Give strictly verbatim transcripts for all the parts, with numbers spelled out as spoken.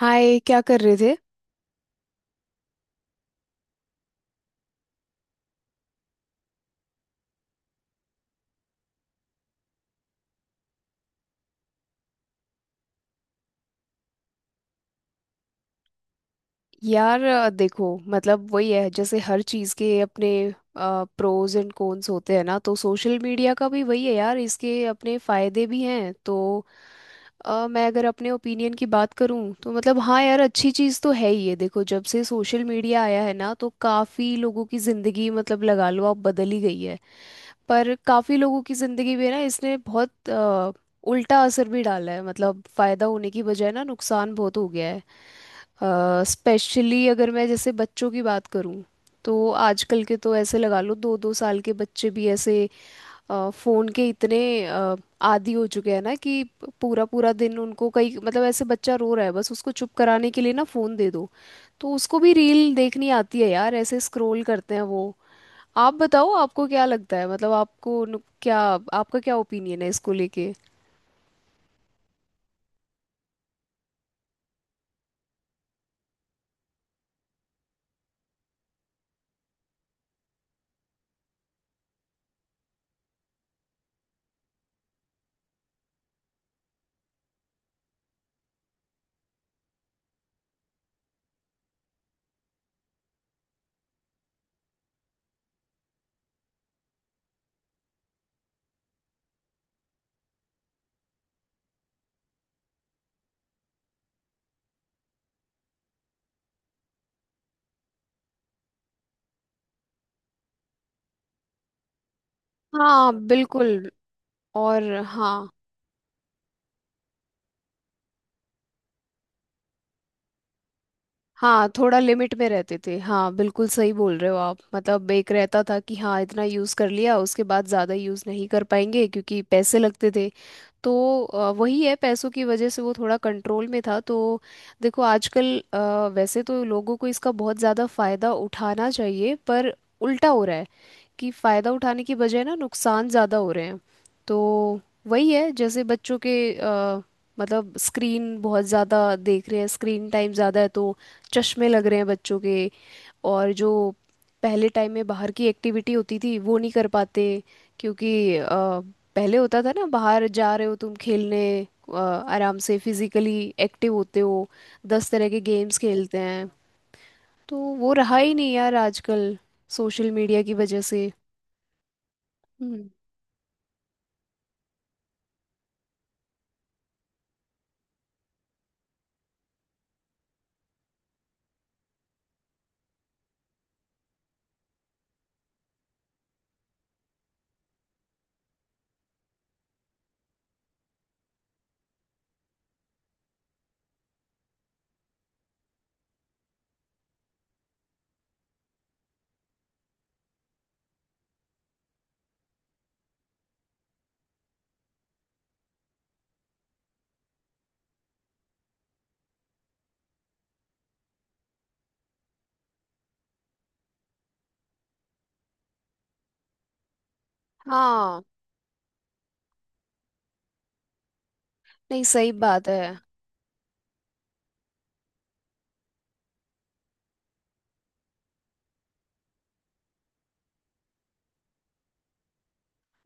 हाय, क्या कर रहे थे? यार अ, देखो मतलब वही है, जैसे हर चीज़ के अपने प्रोज एंड कॉन्स होते हैं ना। तो सोशल मीडिया का भी वही है यार, इसके अपने फायदे भी हैं। तो अ, मैं अगर अपने ओपिनियन की बात करूं तो मतलब हाँ यार, अच्छी चीज़ तो है ही। ये देखो जब से सोशल मीडिया आया है ना तो काफ़ी लोगों की ज़िंदगी, मतलब लगा लो आप, बदल ही गई है। पर काफ़ी लोगों की ज़िंदगी में ना इसने बहुत अ, उल्टा असर भी डाला है, मतलब फ़ायदा होने की बजाय ना नुकसान बहुत हो गया है। स्पेशली अगर मैं जैसे बच्चों की बात करूं तो आजकल के तो, ऐसे लगा लो, दो दो साल के बच्चे भी ऐसे फ़ोन के इतने अ, आदी हो चुके हैं ना कि प- पूरा पूरा दिन उनको, कई मतलब ऐसे बच्चा रो रहा है, बस उसको चुप कराने के लिए ना फ़ोन दे दो। तो उसको भी रील देखनी आती है यार, ऐसे स्क्रॉल करते हैं वो। आप बताओ, आपको क्या लगता है? मतलब आपको नु- क्या, आपका क्या ओपिनियन है इसको लेके? हाँ, बिल्कुल। और। हाँ। हाँ, थोड़ा लिमिट में रहते थे, हाँ बिल्कुल सही बोल रहे हो आप। मतलब एक रहता था कि हाँ इतना यूज़ कर लिया, उसके बाद ज़्यादा यूज़ नहीं कर पाएंगे, क्योंकि पैसे लगते थे। तो अ, वही है, पैसों की वजह से वो थोड़ा कंट्रोल में था। तो देखो आजकल अ, वैसे तो लोगों को इसका बहुत ज़्यादा फ़ायदा उठाना चाहिए, पर उल्टा हो रहा है कि फ़ायदा उठाने की बजाय ना नुकसान ज़्यादा हो रहे हैं। तो वही है, जैसे बच्चों के अ, मतलब स्क्रीन बहुत ज़्यादा देख रहे हैं, स्क्रीन टाइम ज़्यादा है, तो चश्मे लग रहे हैं बच्चों के। और जो पहले टाइम में बाहर की एक्टिविटी होती थी वो नहीं कर पाते, क्योंकि अ, पहले होता था ना, बाहर जा रहे हो तुम खेलने, अ, आराम से फिजिकली एक्टिव होते हो, दस तरह के गेम्स खेलते हैं। तो वो रहा ही नहीं यार आजकल, सोशल मीडिया की वजह से। हम्म। हाँ, नहीं, सही बात है।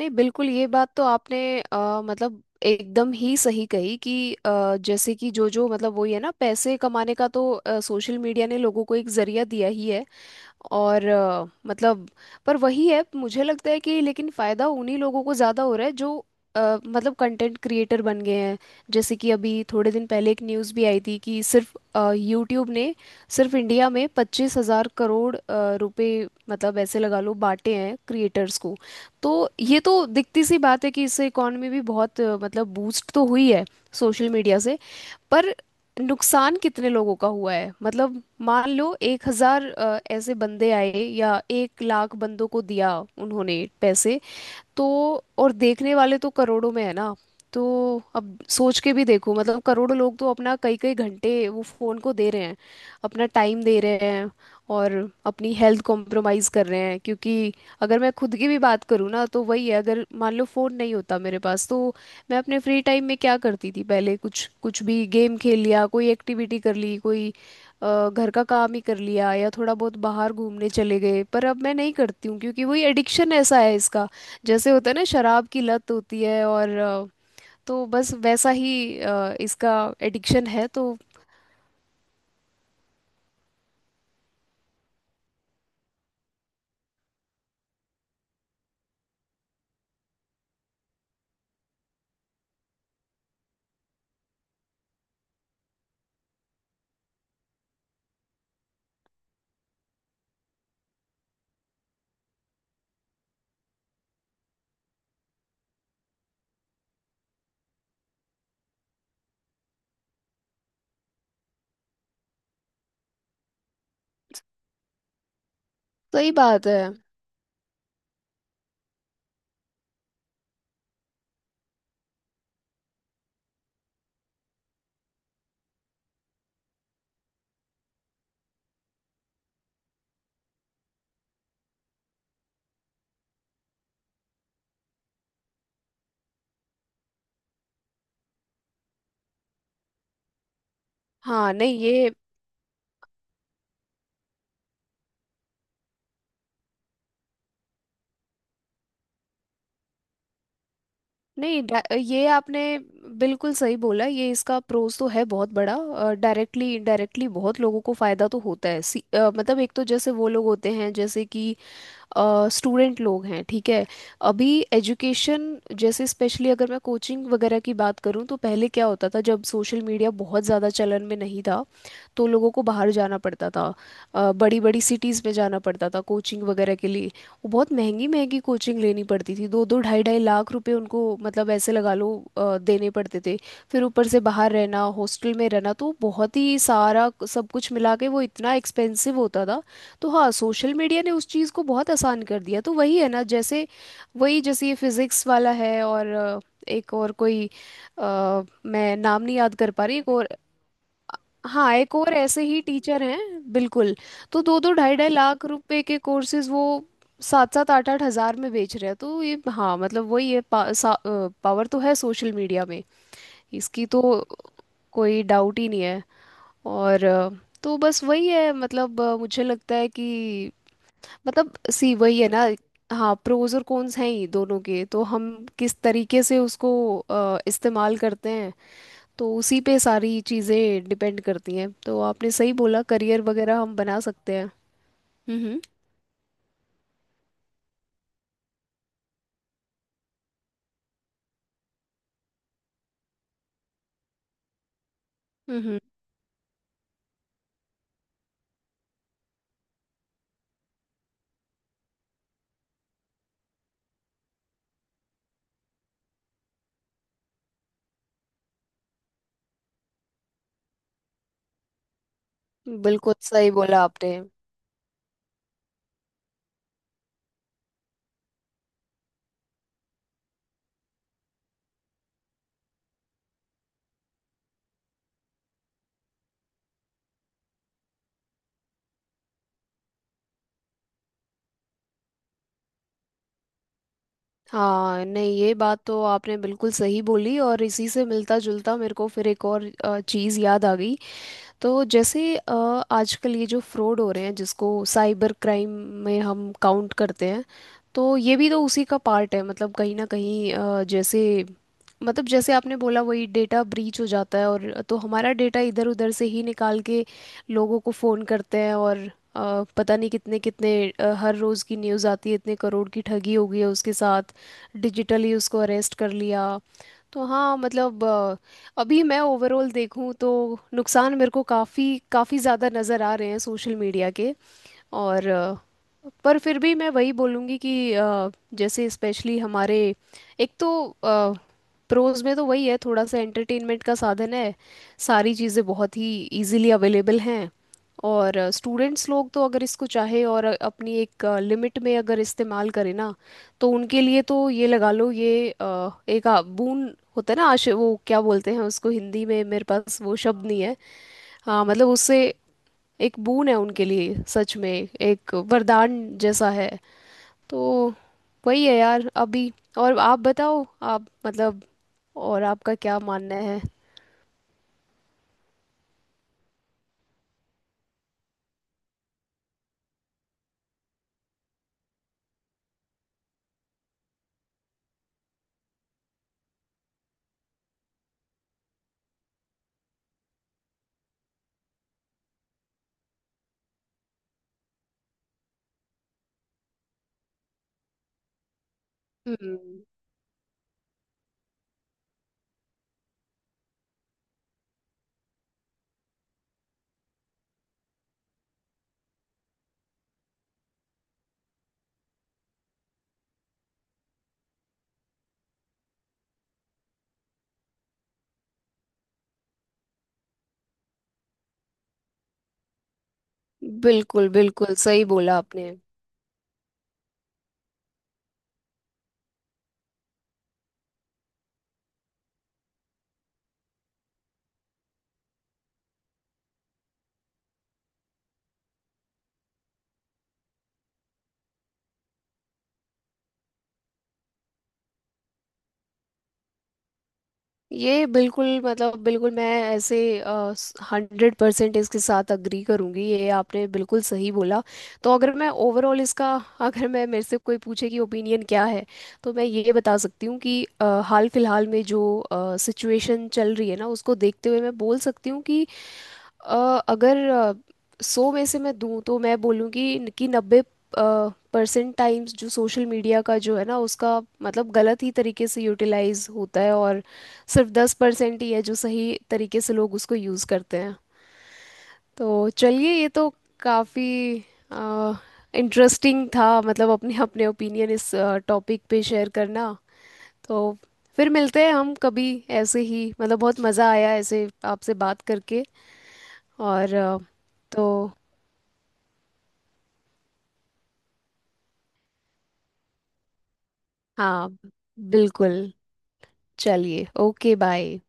नहीं, बिल्कुल ये बात तो आपने अ, मतलब एकदम ही सही कही कि अ, जैसे कि जो जो, मतलब वही है ना, पैसे कमाने का तो सोशल मीडिया ने लोगों को एक जरिया दिया ही है। और अ, मतलब, पर वही है, मुझे लगता है कि लेकिन फायदा उन्हीं लोगों को ज्यादा हो रहा है जो अ, मतलब कंटेंट क्रिएटर बन गए हैं। जैसे कि अभी थोड़े दिन पहले एक न्यूज़ भी आई थी कि सिर्फ अ, यूट्यूब ने सिर्फ इंडिया में पच्चीस हजार करोड़ अ, रुपए, मतलब ऐसे लगा लो, बांटे हैं क्रिएटर्स को। तो ये तो दिखती सी बात है कि इससे इकॉनमी भी बहुत अ, मतलब बूस्ट तो हुई है सोशल मीडिया से। पर नुकसान कितने लोगों का हुआ है मतलब, मान लो एक हजार अ, ऐसे बंदे आए, या एक लाख बंदों को दिया उन्होंने पैसे, तो और देखने वाले तो करोड़ों में है ना। तो अब सोच के भी देखो, मतलब करोड़ों लोग तो अपना कई कई घंटे वो फोन को दे रहे हैं, अपना टाइम दे रहे हैं, और अपनी हेल्थ कॉम्प्रोमाइज कर रहे हैं। क्योंकि अगर मैं खुद की भी बात करूँ ना तो वही है, अगर मान लो फोन नहीं होता मेरे पास तो मैं अपने फ्री टाइम में क्या करती थी पहले? कुछ कुछ भी गेम खेल लिया, कोई एक्टिविटी कर ली, कोई अ, घर का काम ही कर लिया, या थोड़ा बहुत बाहर घूमने चले गए। पर अब मैं नहीं करती हूँ क्योंकि वही एडिक्शन ऐसा है इसका, जैसे होता है ना शराब की लत होती है, और अ, तो बस वैसा ही अ, इसका एडिक्शन है। तो सही बात है। हाँ, नहीं ये। नहीं, डा- ये आपने बिल्कुल सही बोला, ये इसका प्रोज तो है बहुत बड़ा। डायरेक्टली इनडायरेक्टली बहुत लोगों को फायदा तो होता है, सी, अ, मतलब एक तो जैसे वो लोग होते हैं, जैसे कि स्टूडेंट लोग हैं, ठीक है, अभी एजुकेशन, जैसे स्पेशली अगर मैं कोचिंग वगैरह की बात करूँ तो पहले क्या होता था जब सोशल मीडिया बहुत ज़्यादा चलन में नहीं था? तो लोगों को बाहर जाना पड़ता था, बड़ी बड़ी सिटीज़ में जाना पड़ता था कोचिंग वगैरह के लिए। वो बहुत महंगी महंगी कोचिंग लेनी पड़ती थी, दो दो ढाई ढाई लाख रुपए उनको, मतलब ऐसे लगा लो, अ, देने पड़ते थे। फिर ऊपर से बाहर रहना, हॉस्टल में रहना, तो बहुत ही सारा क- सब कुछ मिला के वो इतना एक्सपेंसिव होता था। तो हाँ, सोशल मीडिया ने उस चीज़ को बहुत आसान कर दिया। तो वही है ना, जैसे वही जैसे ये फिजिक्स वाला है, और अ, एक और कोई, अ, मैं नाम नहीं याद कर पा रही, एक और। हाँ, एक और ऐसे ही टीचर हैं। बिल्कुल। तो दो दो ढाई ढाई लाख रुपए के कोर्सेज वो सात सात आठ आठ हजार में बेच रहे हैं। तो ये, हाँ मतलब वही है, पा, सा, अ, पावर तो है सोशल मीडिया में, इसकी तो कोई डाउट ही नहीं है। और अ, तो बस वही है, मतलब अ, मुझे लगता है कि मतलब सी वही है ना। हाँ, प्रोज और कॉन्स हैं ही दोनों के, तो हम किस तरीके से उसको अ, इस्तेमाल करते हैं, तो उसी पे सारी चीज़ें डिपेंड करती हैं। तो आपने सही बोला, करियर वगैरह हम बना सकते हैं। हम्म। हम्म। बिल्कुल सही बोला आपने। हाँ, नहीं ये बात तो आपने बिल्कुल सही बोली, और इसी से मिलता जुलता मेरे को फिर एक और अ, चीज़ याद आ गई। तो जैसे अ, आजकल ये जो फ्रॉड हो रहे हैं, जिसको साइबर क्राइम में हम काउंट करते हैं, तो ये भी तो उसी का पार्ट है, मतलब कहीं ना कहीं अ, जैसे, मतलब जैसे आपने बोला, वही डेटा ब्रीच हो जाता है, और तो हमारा डेटा इधर उधर से ही निकाल के लोगों को फ़ोन करते हैं। और अ, पता नहीं कितने कितने अ, हर रोज़ की न्यूज़ आती है, इतने करोड़ की ठगी हो गई है उसके साथ, डिजिटली उसको अरेस्ट कर लिया। तो हाँ मतलब अ, अभी मैं ओवरऑल देखूँ तो नुकसान मेरे को काफ़ी काफ़ी ज़्यादा नज़र आ रहे हैं सोशल मीडिया के। और अ, पर फिर भी मैं वही बोलूँगी कि अ, जैसे स्पेशली हमारे, एक तो प्रोज में तो वही है, थोड़ा सा एंटरटेनमेंट का साधन है, सारी चीज़ें बहुत ही इजीली अवेलेबल हैं। और स्टूडेंट्स लोग तो अगर इसको चाहे और अ, अपनी एक लिमिट में अगर इस्तेमाल करें ना, तो उनके लिए तो ये, लगा लो, ये अ, एक आ- बून होता है ना, आश, वो क्या बोलते हैं उसको हिंदी में, मेरे पास वो शब्द नहीं है। हाँ मतलब उससे एक बून है उनके लिए, सच में, एक वरदान जैसा है। तो वही है यार अभी, और आप बताओ, आप, मतलब और आपका क्या मानना है? हम्म। बिल्कुल, बिल्कुल सही बोला आपने। ये बिल्कुल, मतलब बिल्कुल, मैं ऐसे हंड्रेड परसेंट इसके साथ अग्री करूंगी, ये आपने बिल्कुल सही बोला। तो अगर मैं ओवरऑल इसका अगर मैं, मेरे से कोई पूछे कि ओपिनियन क्या है, तो मैं ये बता सकती हूँ कि अ, हाल फिलहाल में जो सिचुएशन चल रही है ना, उसको देखते हुए मैं बोल सकती हूँ कि अ, अगर अ, सौ में से मैं दूं तो मैं बोलूँगी कि कि नब्बे परसेंट टाइम्स जो सोशल मीडिया का जो है ना, उसका मतलब गलत ही तरीके से यूटिलाइज होता है, और सिर्फ दस परसेंट ही है जो सही तरीके से लोग उसको यूज़ करते हैं। तो चलिए, ये तो काफ़ी इंटरेस्टिंग था, मतलब अपने अपने ओपिनियन इस टॉपिक पे शेयर करना। तो फिर मिलते हैं हम कभी ऐसे ही, मतलब बहुत मज़ा आया ऐसे आपसे बात करके। और अ, तो हाँ बिल्कुल, चलिए ओके, बाय।